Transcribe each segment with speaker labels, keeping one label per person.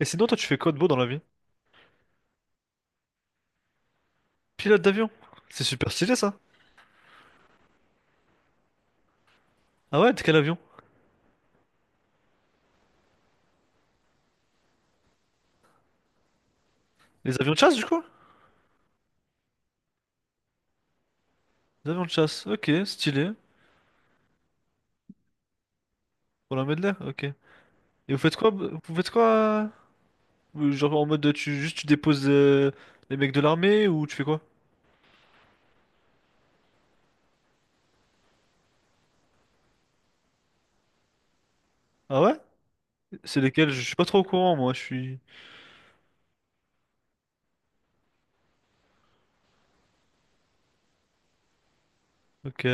Speaker 1: Et sinon, toi, tu fais quoi de beau dans la vie? Pilote d'avion. C'est super stylé, ça. Ah ouais, t'es quel avion? Les avions de chasse, du coup? Les avions de chasse. Ok, stylé. Pour la Medley, ok. Et vous faites quoi? Vous faites quoi? Genre en mode, tu juste tu déposes les mecs de l'armée ou tu fais quoi? Ah ouais? C'est lesquels? Je suis pas trop au courant, moi. Je suis. Ok,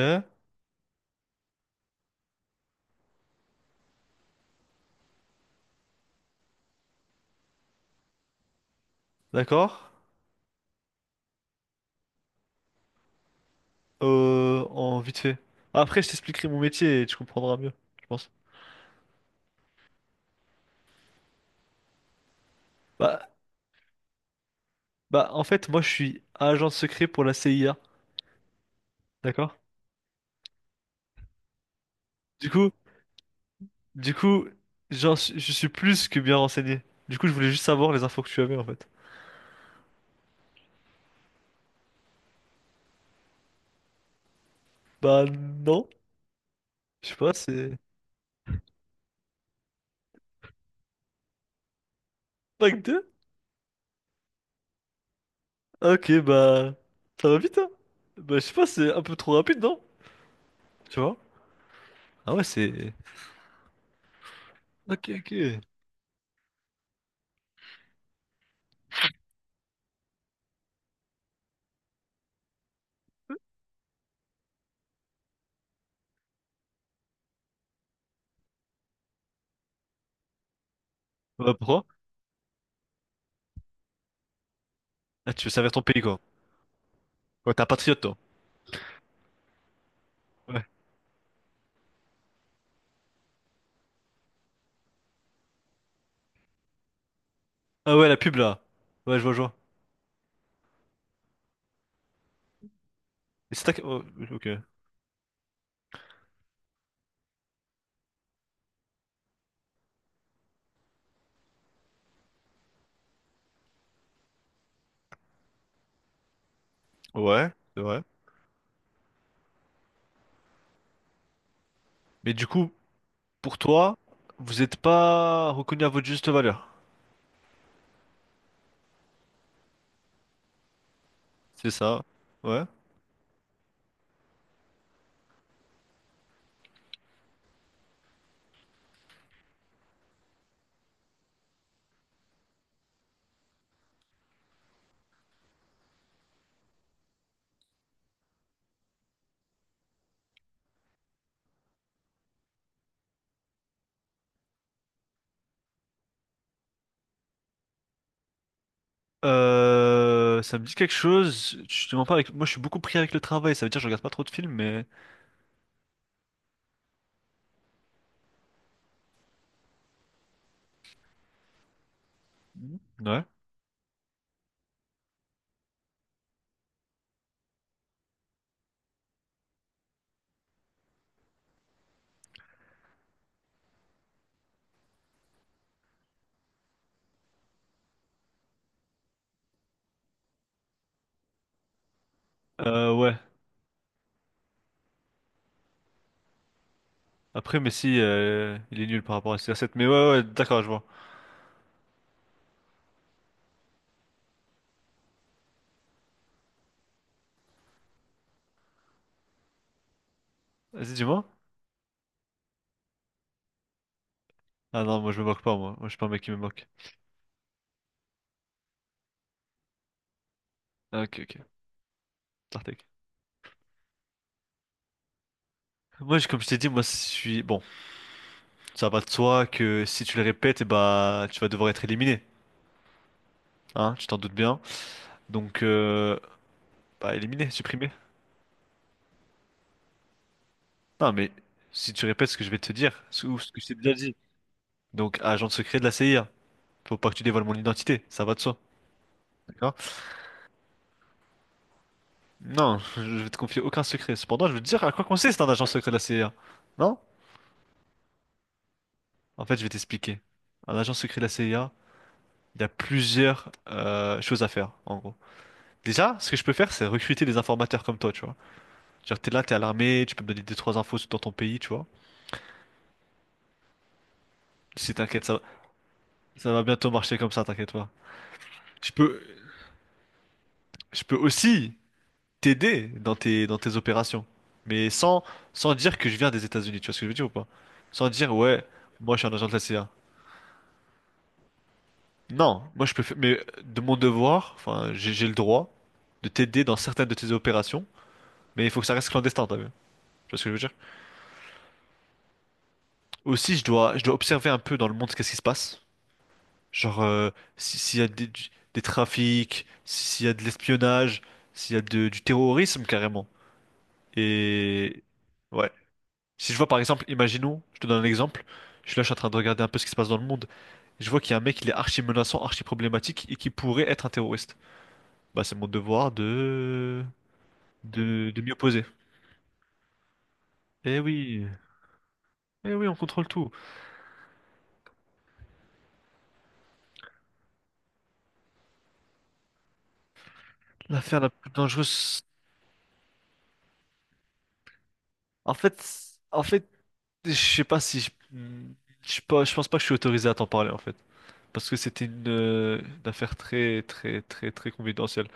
Speaker 1: d'accord. En vite fait. Après, je t'expliquerai mon métier et tu comprendras mieux, je pense. Bah, bah, en fait, moi, je suis agent secret pour la CIA. D'accord? Du coup. Du coup, je suis plus que bien renseigné. Du coup, je voulais juste savoir les infos que tu avais en fait. Bah non, je sais pas, c'est... Pack 2. Ok, bah... Ça va vite, hein? Bah je sais pas, c'est un peu trop rapide, non? Tu vois? Ah ouais, c'est... Ok, ok. Bah pourquoi? Ah, tu veux servir ton pays, quoi. Ouais, t'es un patriote, toi. Ouais. Ah ouais, la pub, là. Ouais, je vois, je vois. Oh, ok. Ouais, c'est vrai. Mais du coup, pour toi, vous êtes pas reconnu à votre juste valeur. C'est ça. Ouais. Ça me dit quelque chose. Je te mens pas avec. Moi, je suis beaucoup pris avec le travail. Ça veut dire que je regarde pas trop de films, mais mhm, ouais. Ouais. Après, mais si, il est nul par rapport à ces recettes. Mais ouais, d'accord, je vois. Vas-y, dis-moi. Ah non, moi, je me moque pas, moi. Moi, je suis pas un mec qui me moque. Ah, ok, ok. Tartek. Comme je t'ai dit, moi, je suis. Bon, ça va de soi que si tu le répètes, eh bah, tu vas devoir être éliminé. Hein, tu t'en doutes bien. Donc, bah, éliminé, supprimé. Non, mais si tu répètes ce que je vais te dire, ou ce que je t'ai déjà dit. Donc, agent secret de la CIA. Faut pas que tu dévoiles mon identité, ça va de soi, d'accord? Non, je vais te confier aucun secret. Cependant, je veux te dire à quoi consiste un agent secret de la CIA. Non? En fait, je vais t'expliquer. Un agent secret de la CIA, il y a plusieurs choses à faire, en gros. Déjà, ce que je peux faire, c'est recruter des informateurs comme toi, tu vois. Genre, t'es là, t'es à l'armée, tu peux me donner deux, trois infos dans ton pays, tu vois. Si t'inquiète, ça va bientôt marcher comme ça, t'inquiète pas. Je peux, je peux aussi t'aider dans dans tes opérations. Mais sans, sans dire que je viens des États-Unis, tu vois ce que je veux dire ou pas? Sans dire, ouais, moi je suis un agent de la CIA. Non, moi je peux faire, mais de mon devoir, enfin, j'ai le droit de t'aider dans certaines de tes opérations, mais il faut que ça reste clandestin, t'as vu? Tu vois ce que je veux dire? Aussi, je dois observer un peu dans le monde qu'est-ce qui se passe. Genre, s'il y a des trafics, s'il y a de l'espionnage, s'il y a du terrorisme carrément. Et ouais. Si je vois par exemple, imaginons, je te donne un exemple, je suis là, je suis en train de regarder un peu ce qui se passe dans le monde. Je vois qu'il y a un mec, il est archi menaçant, archi problématique et qui pourrait être un terroriste. Bah c'est mon devoir de m'y opposer. Eh oui, eh oui, on contrôle tout. L'affaire la plus dangereuse. En fait, je sais pas si je, je sais pas, je pense pas que je suis autorisé à t'en parler en fait, parce que c'était une affaire très très très très confidentielle.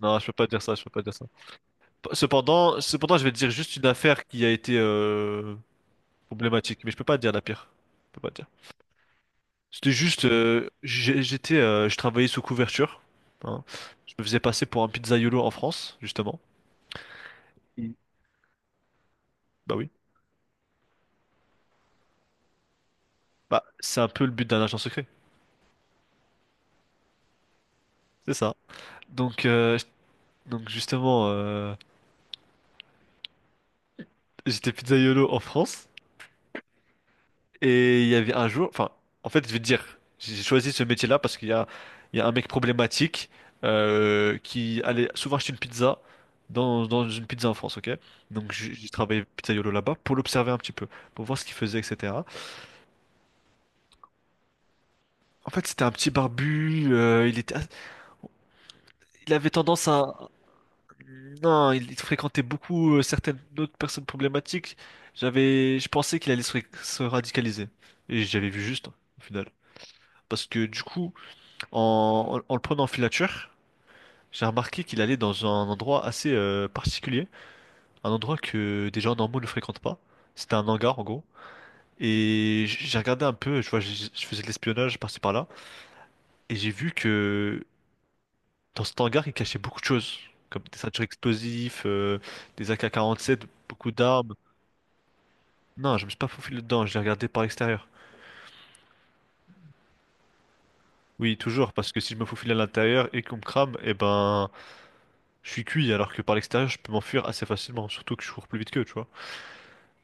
Speaker 1: Non, je peux pas dire ça, je peux pas dire ça. Cependant, je vais te dire juste une affaire qui a été problématique, mais je peux pas te dire la pire. Je peux pas te dire. C'était juste, j'étais, je travaillais sous couverture. Hein. Je me faisais passer pour un pizzaïolo en France, justement. Mm. Bah oui. Bah, c'est un peu le but d'un agent secret. C'est ça. Donc, euh, donc justement, j'étais pizzaïolo en France. Et il y avait un jour, enfin, en fait, je vais te dire, j'ai choisi ce métier-là parce qu'il y a, il y a un mec problématique qui allait souvent acheter une pizza dans une pizza en France, ok? Donc j'ai travaillé pizzaiolo là-bas pour l'observer un petit peu, pour voir ce qu'il faisait, etc. En fait, c'était un petit barbu, il avait tendance à, non, il fréquentait beaucoup certaines autres personnes problématiques. Je pensais qu'il allait se radicaliser, et j'avais vu juste, hein, au final, parce que du coup. En le prenant en filature, j'ai remarqué qu'il allait dans un endroit assez particulier, un endroit que des gens normaux ne fréquentent pas. C'était un hangar en gros. Et j'ai regardé un peu, je vois, je faisais de l'espionnage par-ci par-là, et j'ai vu que dans cet hangar, il cachait beaucoup de choses, comme des ceintures explosives, des AK-47, beaucoup d'armes. Non, je me suis pas faufilé dedans, j'ai regardé par l'extérieur. Oui, toujours, parce que si je me faufile à l'intérieur et qu'on me crame, eh ben, je suis cuit, alors que par l'extérieur, je peux m'enfuir assez facilement, surtout que je cours plus vite qu'eux, tu vois.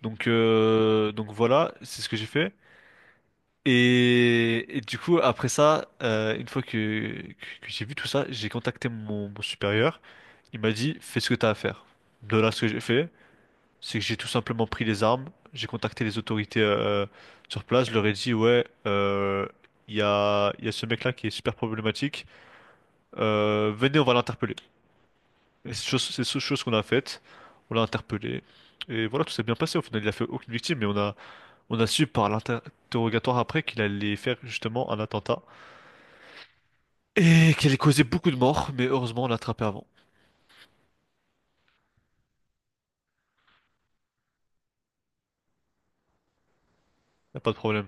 Speaker 1: Donc voilà, c'est ce que j'ai fait. Et du coup, après ça, une fois que j'ai vu tout ça, j'ai contacté mon supérieur. Il m'a dit, fais ce que t'as à faire. De là, ce que j'ai fait, c'est que j'ai tout simplement pris les armes, j'ai contacté les autorités sur place, je leur ai dit, ouais, il y a ce mec-là qui est super problématique, venez, on va l'interpeller. Et c'est chose qu'on a faite, on l'a interpellé. Et voilà, tout s'est bien passé. Au final, il a fait aucune victime, mais on a su par l'interrogatoire après qu'il allait faire justement un attentat et qu'il allait causer beaucoup de morts, mais heureusement on l'a attrapé avant. Y a pas de problème,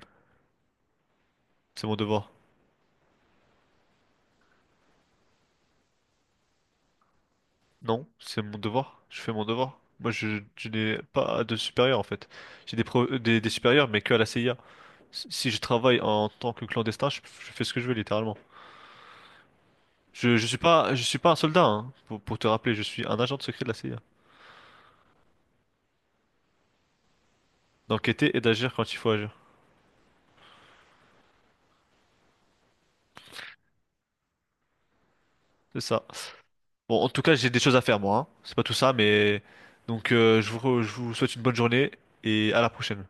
Speaker 1: c'est mon devoir. Non, c'est mon devoir, je fais mon devoir. Je n'ai pas de supérieur en fait. J'ai des supérieurs mais que à la CIA. Si je travaille en tant que clandestin, je fais ce que je veux littéralement. Je suis pas un soldat, hein, pour te rappeler, je suis un agent de secret de la CIA. D'enquêter et d'agir quand il faut agir. C'est ça. Bon, en tout cas, j'ai des choses à faire, moi. Hein. C'est pas tout ça, mais... Donc, je vous souhaite une bonne journée et à la prochaine.